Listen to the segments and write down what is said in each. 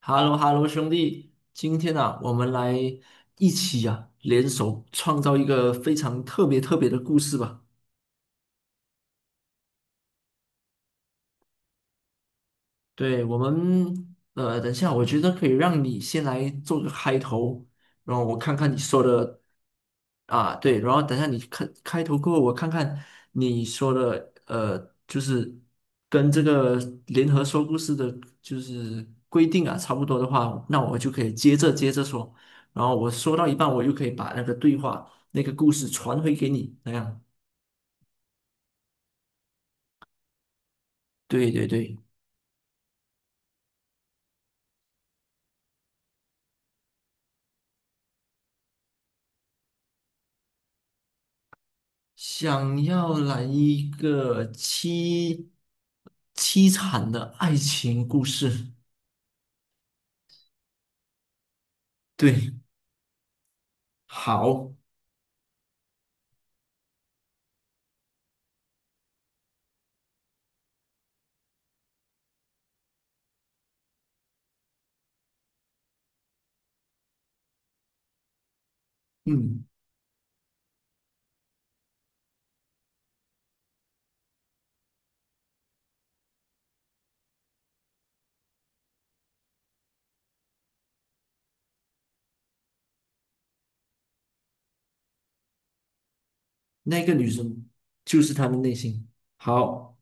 h e l l o h e l l o 兄弟，今天啊，我们来一起啊，联手创造一个非常特别特别的故事吧。对，我们，等一下，我觉得可以让你先来做个开头，然后我看看你说的啊，对，然后等一下你看开头过后，我看看你说的，就是跟这个联合说故事的，就是规定啊，差不多的话，那我就可以接着说，然后我说到一半，我又可以把那个对话那个故事传回给你，那样。对对对。想要来一个凄惨的爱情故事。对，好，嗯，那个女生就是他的内心。好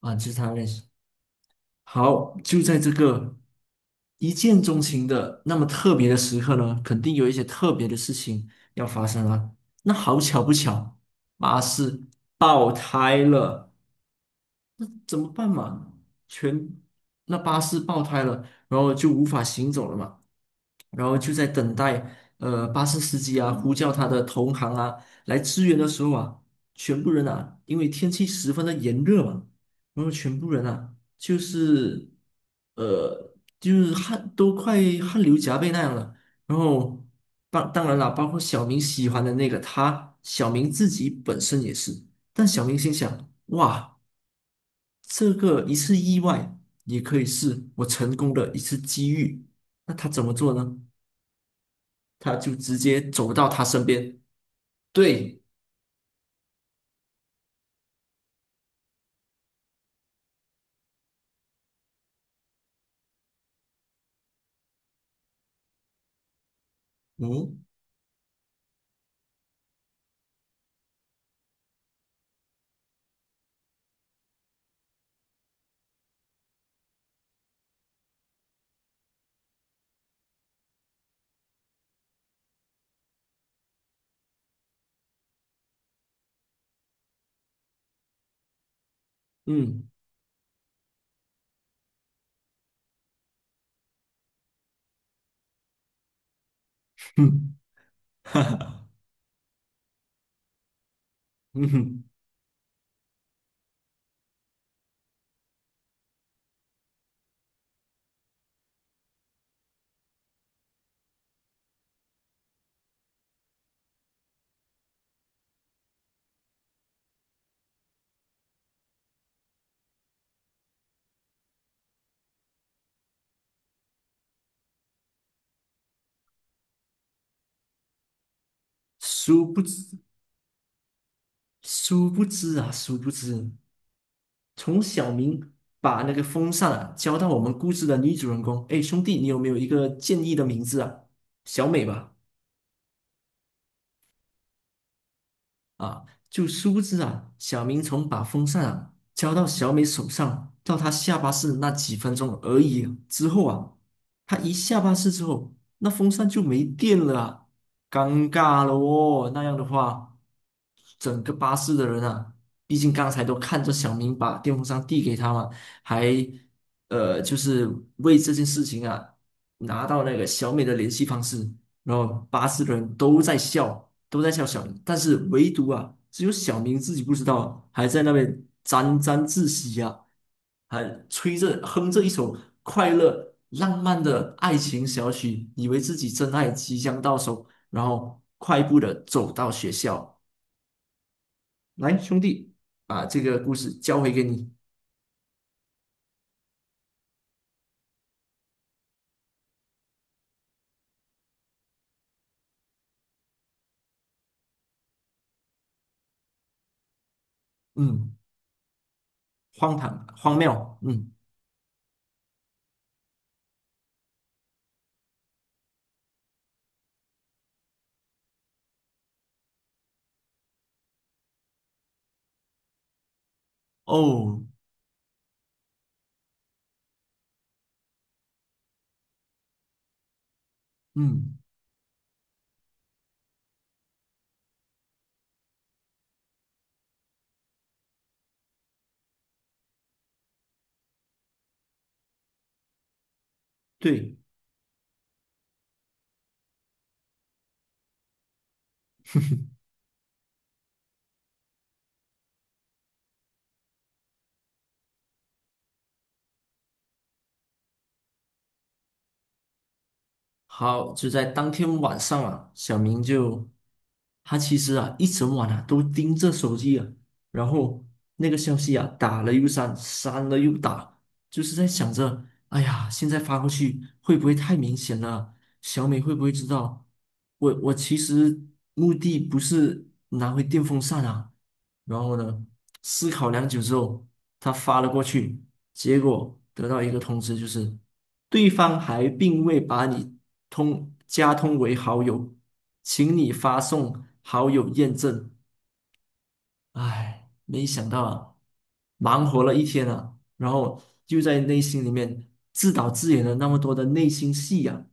啊，就是他的内心。好，就在这个一见钟情的那么特别的时刻呢，肯定有一些特别的事情要发生了。那好巧不巧，巴士爆胎了。那怎么办嘛？全那巴士爆胎了，然后就无法行走了嘛，然后就在等待巴士司机啊呼叫他的同行啊来支援的时候啊，全部人啊，因为天气十分的炎热嘛，然后全部人啊就是呃就是汗都快汗流浃背那样了，然后当然了，包括小明喜欢的那个他，小明自己本身也是，但小明心想哇。这个一次意外，也可以是我成功的一次机遇。那他怎么做呢？他就直接走到他身边，对，嗯嗯哼，哈哈，嗯哼，殊不知，殊不知啊，殊不知，从小明把那个风扇啊交到我们故事的女主人公，哎，兄弟，你有没有一个建议的名字啊？小美吧。啊，就殊不知啊，小明从把风扇啊交到小美手上，到她下巴式那几分钟而已啊之后啊，她一下巴士之后，那风扇就没电了啊，尴尬了哦。那样的话，整个巴士的人啊，毕竟刚才都看着小明把电风扇递给他嘛，还就是为这件事情啊，拿到那个小美的联系方式，然后巴士的人都在笑。都在笑小明，但是唯独啊，只有小明自己不知道，还在那边沾沾自喜啊，还吹着哼着一首快乐浪漫的爱情小曲，以为自己真爱即将到手，然后快步的走到学校。来，兄弟，把这个故事交回给你。嗯，荒唐荒谬。嗯，哦，嗯，对。好，就在当天晚上啊，小明就他其实啊一整晚啊都盯着手机啊，然后那个消息啊打了又删，删了又打，就是在想着，哎呀，现在发过去会不会太明显了？小美会不会知道？我其实目的不是拿回电风扇啊。然后呢，思考良久之后，他发了过去，结果得到一个通知，就是对方还并未把你通为好友，请你发送好友验证。唉，没想到啊，忙活了一天啊，然后就在内心里面自导自演了那么多的内心戏啊，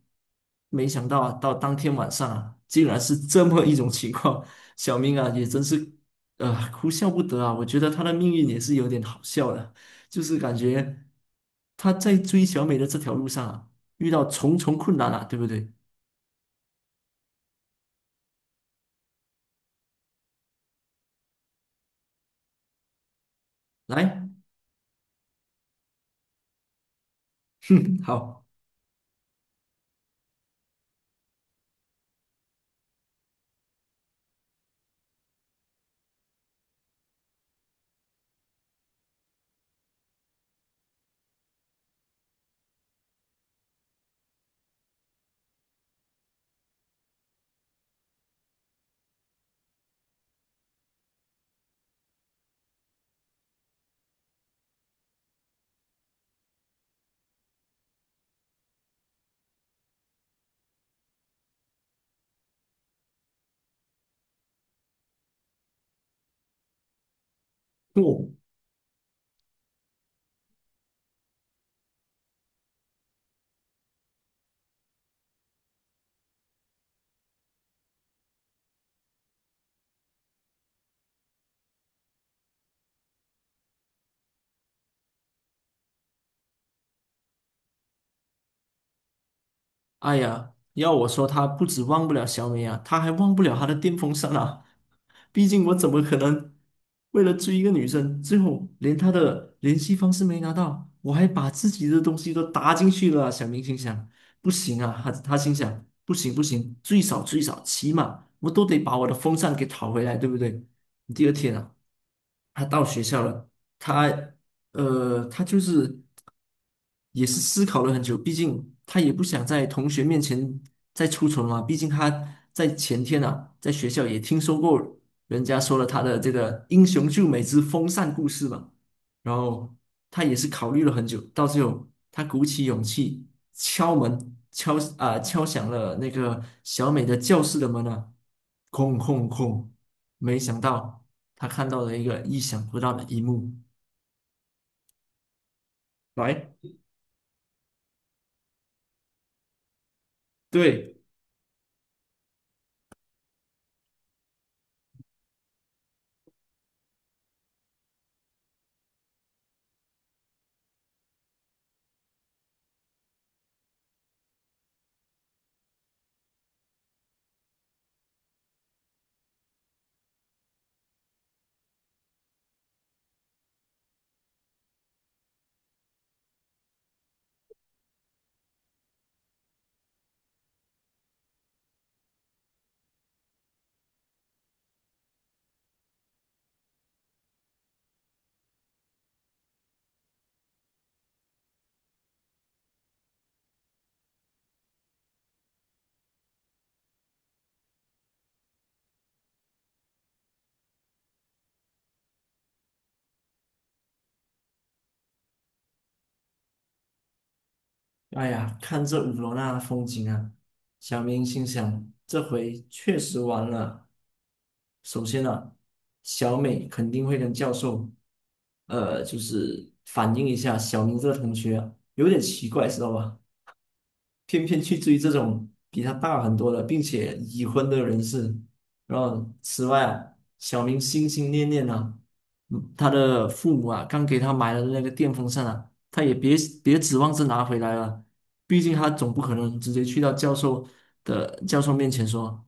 没想到啊，到当天晚上啊，竟然是这么一种情况，小明啊也真是，哭笑不得啊，我觉得他的命运也是有点好笑的，就是感觉他在追小美的这条路上啊，遇到重重困难啊，对不对？来，哼，好，哦。哎呀，要我说，他不止忘不了小美啊，他还忘不了他的电风扇啊。毕竟我怎么可能为了追一个女生，最后连她的联系方式没拿到，我还把自己的东西都搭进去了啊小明心想，不行啊，他心想，不行不行，最少最少，起码我都得把我的风扇给讨回来，对不对？第二天啊，他到学校了，他他就是。也是思考了很久，毕竟他也不想在同学面前再出丑嘛。毕竟他在前天啊，在学校也听说过人家说了他的这个英雄救美之风扇故事嘛。然后他也是考虑了很久，到最后他鼓起勇气敲门，敲啊、敲响了那个小美的教室的门啊，空空空，没想到他看到了一个意想不到的一幕，来，对。哎呀，看这五罗那的风景啊，小明心想，这回确实完了。首先呢、小美肯定会跟教授，就是反映一下小明这个同学啊有点奇怪，知道吧？偏偏去追这种比他大很多的，并且已婚的人士。然后，此外啊，小明心心念念啊，嗯他的父母啊，刚给他买了那个电风扇啊，他也别指望着拿回来了，毕竟他总不可能直接去到教授面前说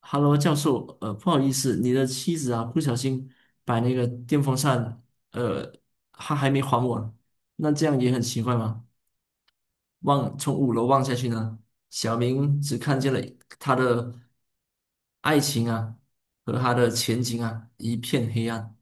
哈喽，教授，不好意思，你的妻子啊，不小心把那个电风扇，呃，他还没还我，那这样也很奇怪吗？”望从五楼望下去呢，小明只看见了他的爱情啊和他的前景啊一片黑暗。